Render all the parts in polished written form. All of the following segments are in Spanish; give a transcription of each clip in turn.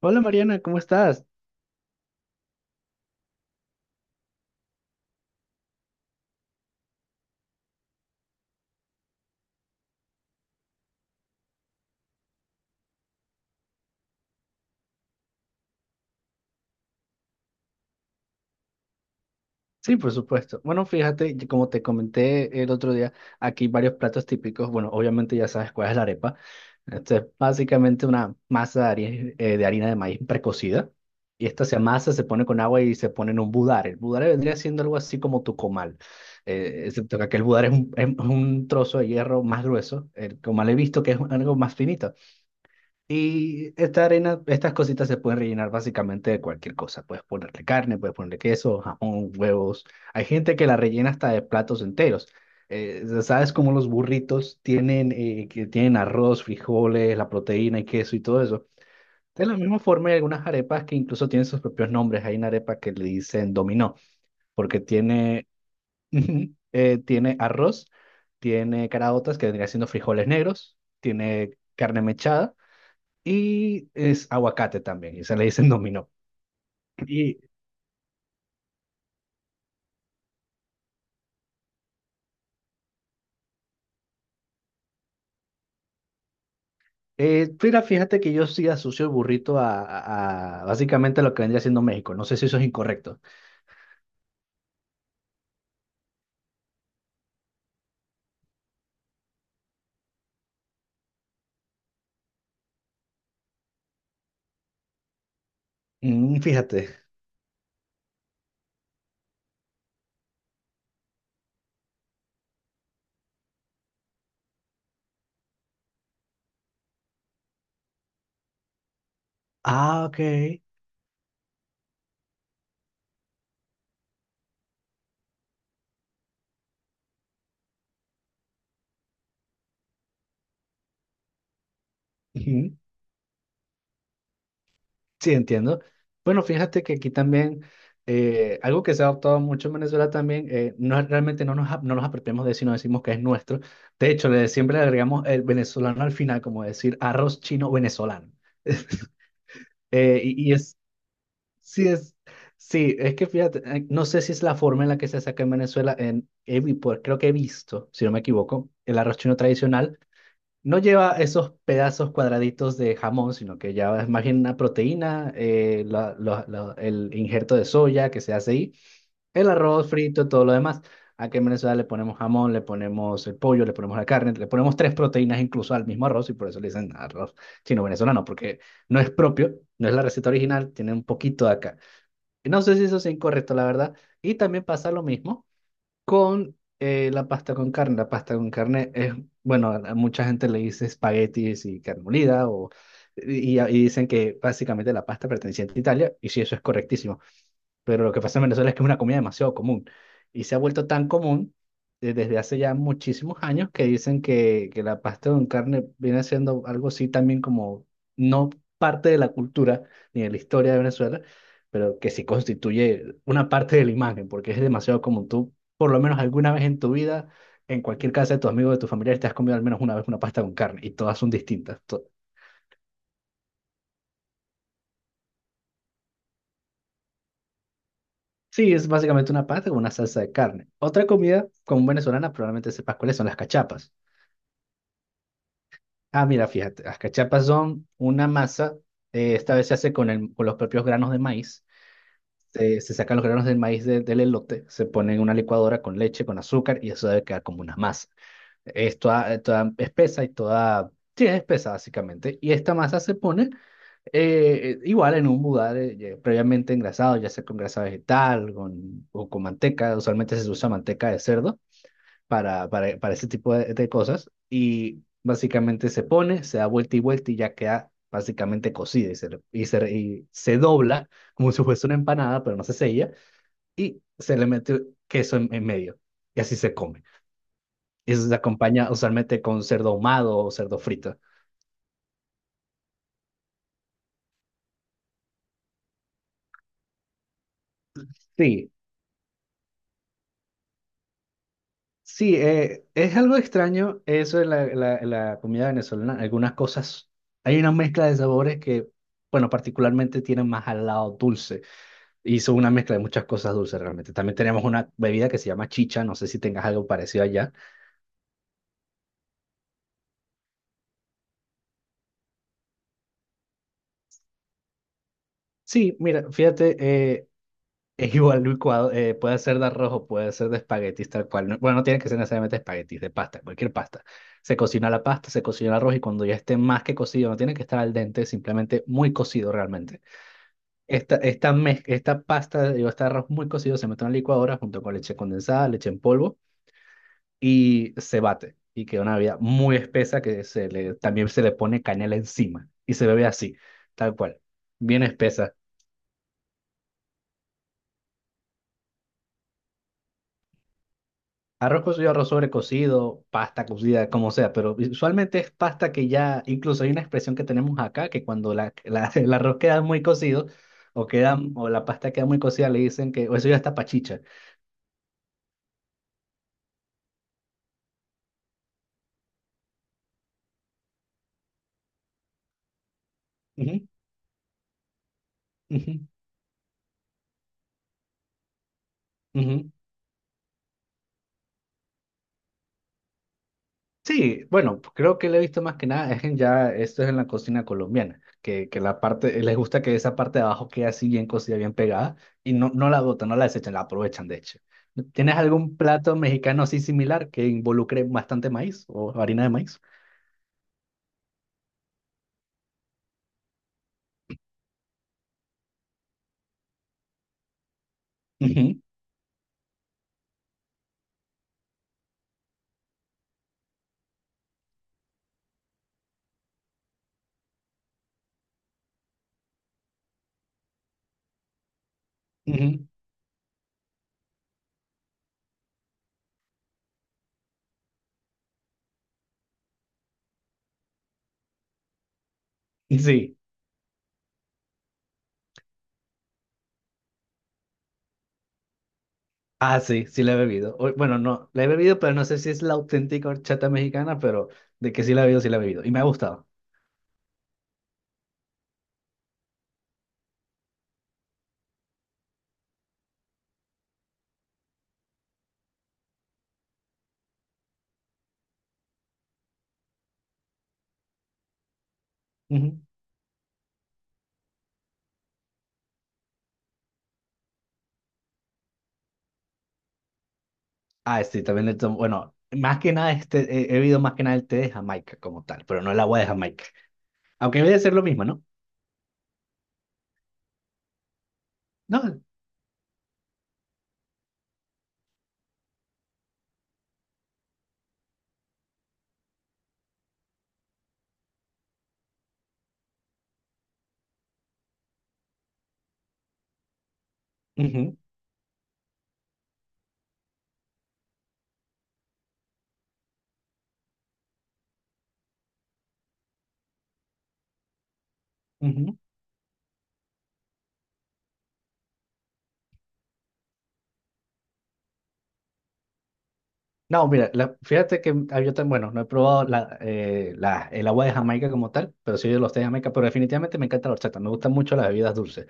Hola Mariana, ¿cómo estás? Sí, por supuesto. Bueno, fíjate, y como te comenté el otro día, aquí varios platos típicos. Bueno, obviamente ya sabes cuál es la arepa. Esto es básicamente una masa de de harina de maíz precocida. Y esta se amasa, se pone con agua y se pone en un budare. El budare vendría siendo algo así como tu comal. Excepto que aquel budare es es un trozo de hierro más grueso. El comal he visto que es algo más finito. Y esta arena, estas cositas se pueden rellenar básicamente de cualquier cosa. Puedes ponerle carne, puedes ponerle queso, jamón, huevos. Hay gente que la rellena hasta de platos enteros. ¿Sabes cómo los burritos tienen, que tienen arroz, frijoles, la proteína y queso y todo eso? De la misma forma hay algunas arepas que incluso tienen sus propios nombres. Hay una arepa que le dicen dominó, porque tiene, tiene arroz, tiene caraotas, que vendría siendo frijoles negros, tiene carne mechada y es aguacate también, y se le dicen dominó. Y Mira, fíjate que yo sí asocio el burrito a básicamente lo que vendría siendo México. No sé si eso es incorrecto. Mm, fíjate. Ah, ok. Ujú. Sí, entiendo. Bueno, fíjate que aquí también algo que se ha adoptado mucho en Venezuela también, no, realmente no nos, no nos apropiamos de eso, no decimos que es nuestro. De hecho, siempre le agregamos el venezolano al final, como decir arroz chino venezolano. Y es sí, sí, es que fíjate, no sé si es la forma en la que se saca en Venezuela, en, pues, creo que he visto, si no me equivoco, el arroz chino tradicional no lleva esos pedazos cuadraditos de jamón, sino que ya es más bien una proteína, el injerto de soya que se hace ahí, el arroz frito, todo lo demás. Aquí en Venezuela le ponemos jamón, le ponemos el pollo, le ponemos la carne, le ponemos tres proteínas incluso al mismo arroz y por eso le dicen arroz chino venezolano, porque no es propio, no es la receta original, tiene un poquito de acá. No sé si eso es incorrecto, la verdad. Y también pasa lo mismo con la pasta con carne. La pasta con carne es, bueno, a mucha gente le dice espaguetis y carne molida, y dicen que básicamente la pasta perteneciente a Italia, y sí, eso es correctísimo. Pero lo que pasa en Venezuela es que es una comida demasiado común y se ha vuelto tan común desde hace ya muchísimos años que dicen que la pasta con carne viene siendo algo así también como no parte de la cultura ni de la historia de Venezuela, pero que sí constituye una parte de la imagen porque es demasiado común. Tú, por lo menos alguna vez en tu vida, en cualquier casa de tus amigos, de tus familiares, te has comido al menos una vez una pasta con carne y todas son distintas. To- Sí, es básicamente una pasta con una salsa de carne. Otra comida común venezolana probablemente sepas cuáles son las cachapas. Ah, mira, fíjate, las cachapas son una masa, esta vez se hace con, con los propios granos de maíz. Se sacan los granos del maíz del elote, se ponen en una licuadora con leche, con azúcar y eso debe quedar como una masa. Es toda, toda espesa y toda... Sí, es espesa básicamente. Y esta masa se pone igual en un budar ya previamente engrasado, ya sea con grasa vegetal o con manteca. Usualmente se usa manteca de cerdo para ese tipo de cosas y básicamente se pone, se da vuelta y vuelta y ya queda básicamente cocida y y se dobla como si fuese una empanada, pero no se sella y se le mete queso en medio y así se come. Y eso se acompaña usualmente con cerdo ahumado o cerdo frito. Sí, sí, es algo extraño eso en la comida venezolana. Algunas cosas, hay una mezcla de sabores que, bueno, particularmente tienen más al lado dulce. Hizo una mezcla de muchas cosas dulces realmente. También tenemos una bebida que se llama chicha, no sé si tengas algo parecido allá. Sí, mira, fíjate, es igual licuado, puede ser de arroz o puede ser de espaguetis tal cual. No- bueno, no tiene que ser necesariamente espaguetis, de pasta, cualquier pasta. Se cocina la pasta, se cocina el arroz y cuando ya esté más que cocido, no tiene que estar al dente, simplemente muy cocido realmente. Esta pasta, digo, este arroz muy cocido se mete en la licuadora junto con leche condensada, leche en polvo y se bate y queda una bebida muy espesa que también se le pone canela encima y se bebe así, tal cual, bien espesa. Arroz cocido, arroz sobrecocido, pasta cocida, como sea, pero usualmente es pasta que ya, incluso hay una expresión que tenemos acá, que cuando el arroz queda muy cocido o la pasta queda muy cocida, le dicen que o eso ya está pachicha. Ujú, ujú, ujú. Sí, bueno, creo que le he visto más que nada, es en ya, esto es en la cocina colombiana, que la parte, les gusta que esa parte de abajo quede así bien cocida, bien pegada, y no, no la botan, no la desechan, la aprovechan de hecho. ¿Tienes algún plato mexicano así similar que involucre bastante maíz o harina de maíz? Ujú, ujú. Sí, ah, sí, sí la he bebido. O- bueno, no, la he bebido, pero no sé si es la auténtica horchata mexicana, pero de que sí la he bebido, sí la he bebido, y me ha gustado. Ujú. Ah, sí, también le tomo, bueno, más que nada este, he bebido más que nada el té de Jamaica como tal, pero no el agua de Jamaica. Aunque debe ser lo mismo, ¿no? No, ujú, ujú. No, mira, fíjate que ah, yo tan bueno, no he probado el agua de Jamaica como tal, pero sí de los té de Jamaica, pero definitivamente me encanta la horchata, me gustan mucho las bebidas dulces.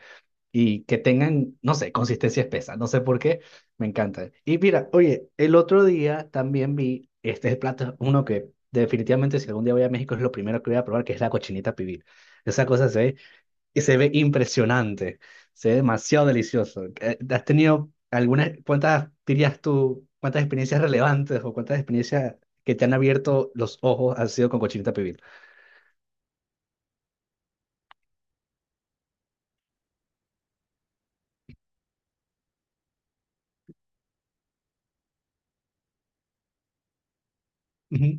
Y que tengan, no sé, consistencia espesa, no sé por qué, me encantan. Y mira, oye, el otro día también vi, este es el plato, uno que definitivamente si algún día voy a México es lo primero que voy a probar, que es la cochinita pibil. Esa cosa se ve, y se ve impresionante, se ve demasiado delicioso. ¿Has tenido algunas, cuántas dirías tú, cuántas experiencias relevantes o cuántas experiencias que te han abierto los ojos han sido con cochinita pibil? Ujú.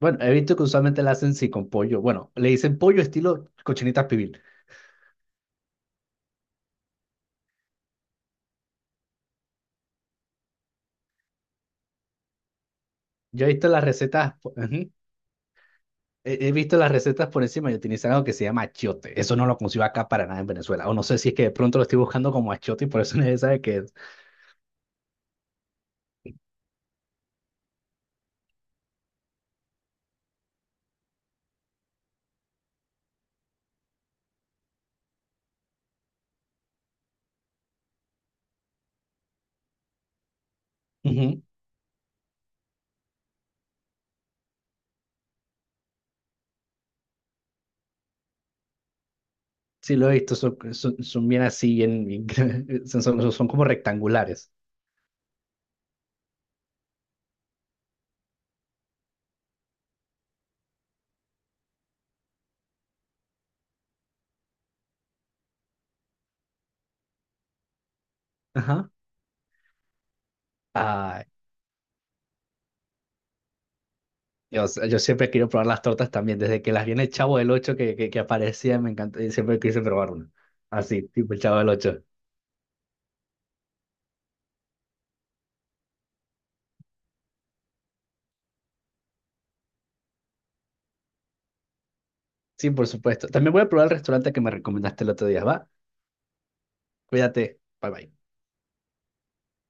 Bueno, he visto que usualmente la hacen sí con pollo. Bueno, le dicen pollo estilo cochinita pibil. Yo he visto las recetas, po- ujú, he visto las recetas por encima y utilizan algo que se llama achiote. Eso no lo consigo acá para nada en Venezuela. O no sé si es que de pronto lo estoy buscando como achiote y por eso nadie sabe qué es. Ujú, sí, lo he visto. Son, son bien así, bien, bien son, son como rectangulares. Ajá. Ay, yo siempre quiero probar las tortas también. Desde que las vi en el Chavo del Ocho que aparecía, me encantó. Y siempre quise probar una. Así, tipo el Chavo del Ocho. Sí, por supuesto. También voy a probar el restaurante que me recomendaste el otro día. Va, cuídate. Bye bye.